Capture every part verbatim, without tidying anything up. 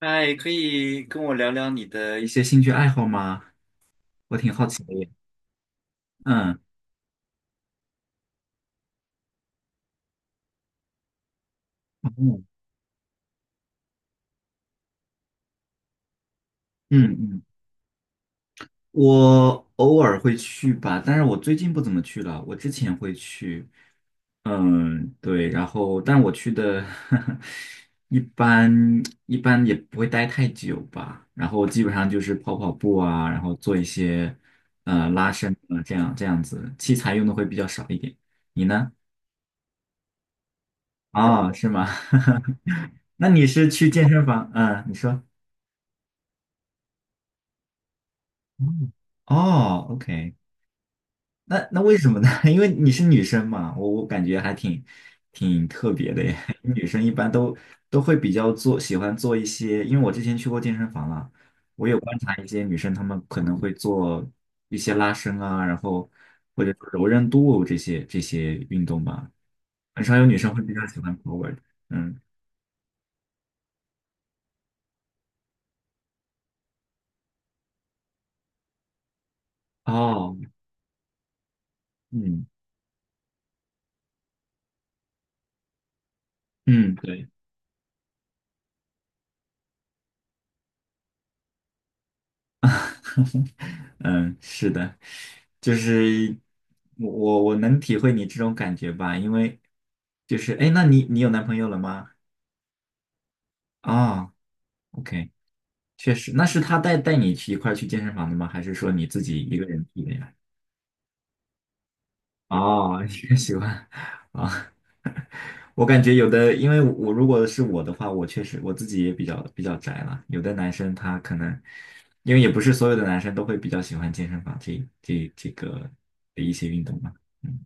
哎，可以跟我聊聊你的一些兴趣爱好吗？我挺好奇的耶。嗯。哦，嗯嗯，我偶尔会去吧，但是我最近不怎么去了。我之前会去，嗯，对，然后，但我去的 一般一般也不会待太久吧。然后基本上就是跑跑步啊，然后做一些呃拉伸啊，这样这样子，器材用的会比较少一点。你呢？哦，是吗？那你是去健身房？嗯，你说。嗯，哦，OK，那那为什么呢？因为你是女生嘛，我我感觉还挺挺特别的耶。女生一般都都会比较做，喜欢做一些，因为我之前去过健身房了，我有观察一些女生，她们可能会做一些拉伸啊，然后或者说柔韧度这些这些运动吧，很少有女生会比较喜欢 power 的。嗯。哦。嗯嗯，对。嗯，是的，就是我我我能体会你这种感觉吧，因为就是哎，诶那你你有男朋友了吗？啊，OK，确实，那是他带带你去一块儿去健身房的吗？还是说你自己一个人去的呀？哦，你也喜欢啊？我感觉有的，因为我我如果是我的话，我确实我自己也比较比较宅了。有的男生他可能，因为也不是所有的男生都会比较喜欢健身房这这这个的一些运动嘛。嗯，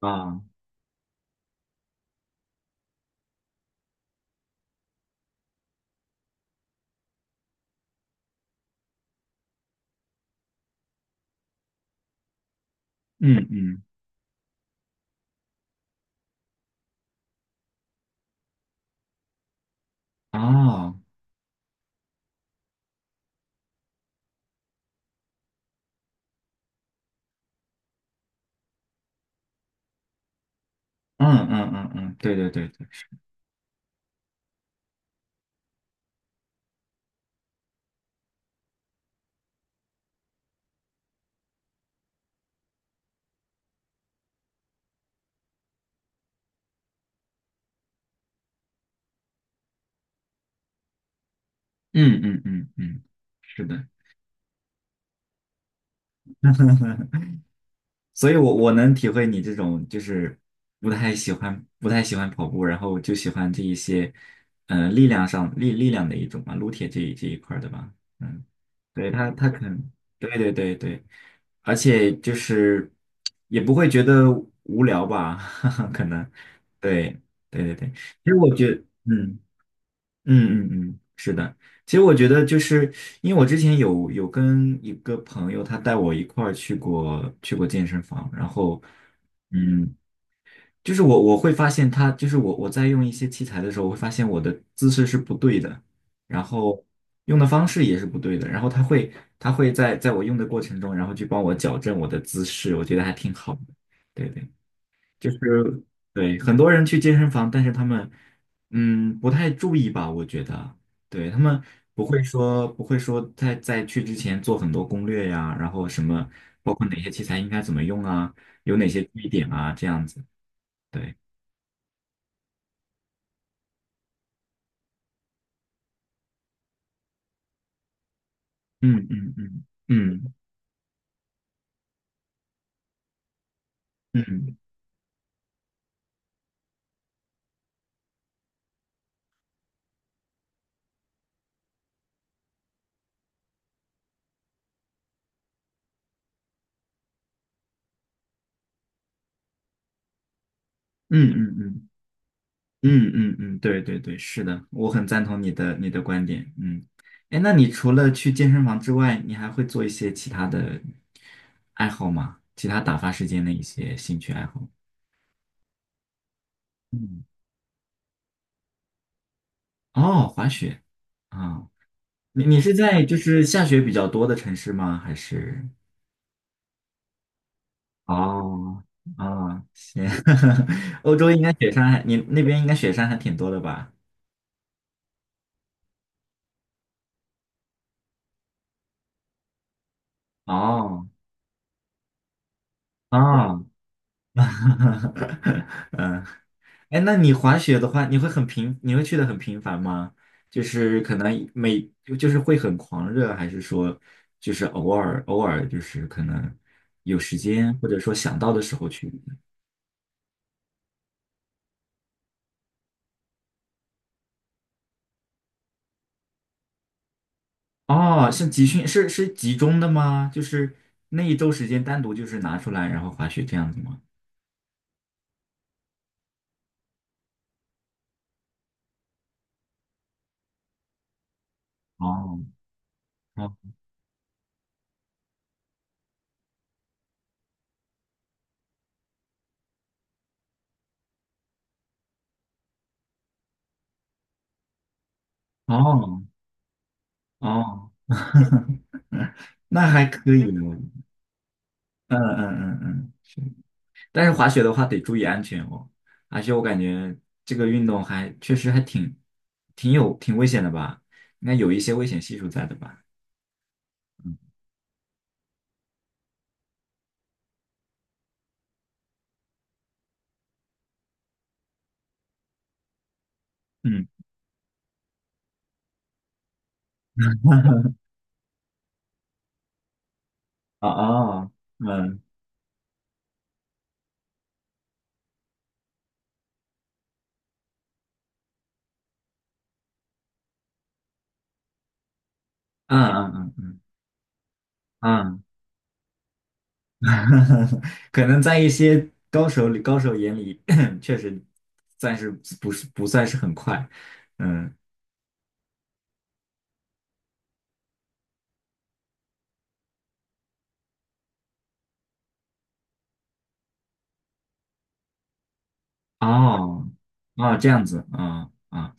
啊，嗯嗯，哦，嗯嗯嗯嗯，对对对对，嗯嗯嗯嗯，是的。所以我我能体会你这种就是不太喜欢不太喜欢跑步，然后就喜欢这一些，呃，力量上力力量的一种嘛，撸铁这一这一块儿的吧，嗯，对他他可能对对对对，而且就是也不会觉得无聊吧，哈哈，可能，对对对对，其实我觉得嗯。嗯嗯嗯，是的。其实我觉得，就是因为我之前有有跟一个朋友，他带我一块儿去过去过健身房，然后，嗯，就是我我会发现他，就是我我在用一些器材的时候，我会发现我的姿势是不对的，然后用的方式也是不对的，然后他会他会在在我用的过程中，然后去帮我矫正我的姿势，我觉得还挺好的。对对。就是对很多人去健身房，但是他们嗯不太注意吧，我觉得，对他们不会说不会说在在去之前做很多攻略呀，然后什么包括哪些器材应该怎么用啊，有哪些注意点啊，这样子，对，嗯嗯嗯嗯嗯嗯嗯嗯嗯嗯嗯嗯，对对对，是的，我很赞同你的你的观点。嗯，哎，那你除了去健身房之外，你还会做一些其他的爱好吗？其他打发时间的一些兴趣爱好？嗯，哦，滑雪啊，你你是在就是下雪比较多的城市吗？还是？哦，啊，行，欧洲应该雪山还，你那边应该雪山还挺多的吧？哦，哦，嗯，哎，那你滑雪的话，你会很频，你会去的很频繁吗？就是可能每，就就是会很狂热，还是说就是偶尔偶尔就是可能有时间，或者说想到的时候去？哦，是集训，是是集中的吗？就是那一周时间单独就是拿出来，然后滑雪这样子吗？哦哦哦哦，嗯，那还可以呢。嗯嗯嗯嗯。但是滑雪的话得注意安全哦，而且我感觉这个运动还确实还挺挺有挺危险的吧，应该有一些危险系数在的吧？嗯嗯，哦哦，嗯嗯嗯嗯嗯，嗯 可能在一些高手里高手眼里 确实暂时不是不算是很快，嗯，哦哦，这样子啊。啊，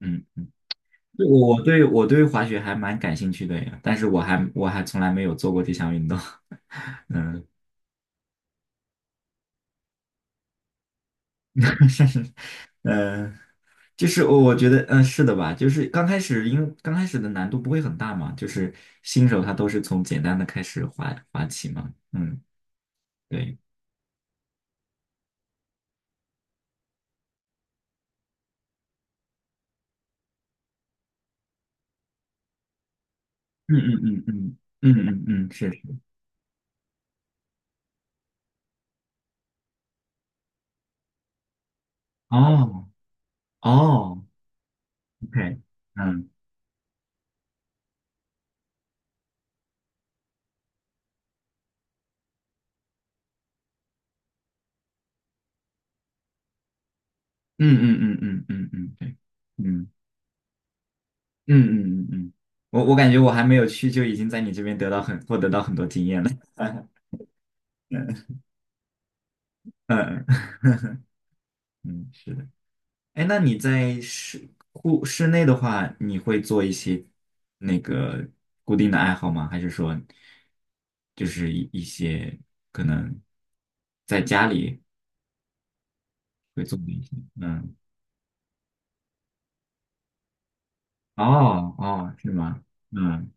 嗯。对我对我对滑雪还蛮感兴趣的呀，但是我还我还从来没有做过这项运动。嗯，呃就是我我觉得，嗯，是的吧？就是刚开始，因为刚开始的难度不会很大嘛，就是新手他都是从简单的开始滑滑起嘛。嗯，对，嗯嗯嗯嗯嗯嗯嗯，是。哦哦，OK，嗯嗯嗯嗯嗯嗯嗯，对，嗯嗯嗯嗯嗯，我我感觉我还没有去，就已经在你这边得到很获得到很多经验了。嗯嗯，嗯，是的。哎，那你在室户室内的话，你会做一些那个固定的爱好吗？还是说就是一一些可能在家里会做的一些？嗯，哦哦，是吗？嗯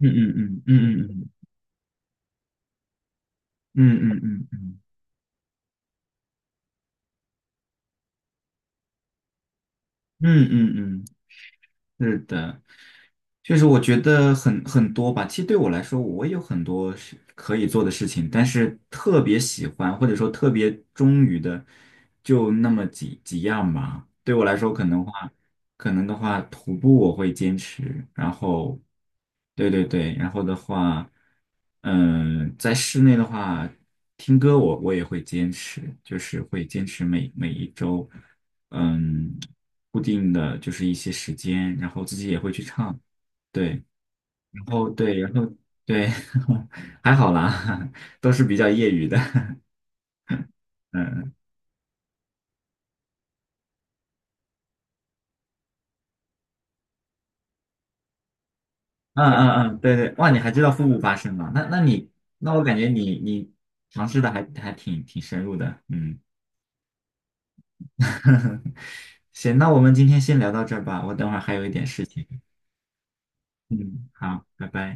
嗯嗯嗯嗯嗯嗯嗯嗯嗯嗯嗯嗯嗯。嗯嗯，是的，就是我觉得很很多吧。其实对我来说，我也有很多是可以做的事情，但是特别喜欢或者说特别忠于的，就那么几几样吧。对我来说，可能话，可能的话，徒步我会坚持，然后，对对对，然后的话，嗯、在室内的话，听歌我我也会坚持，就是会坚持每每一周。嗯，固定的就是一些时间，然后自己也会去唱，对，然后对，然后对，还好啦，都是比较业余的，嗯嗯嗯嗯，对对，哇，你还知道腹部发声吗那那你那我感觉你你尝试的还还挺挺深入的，嗯，行，那我们今天先聊到这儿吧，我等会儿还有一点事情，嗯，好，拜拜。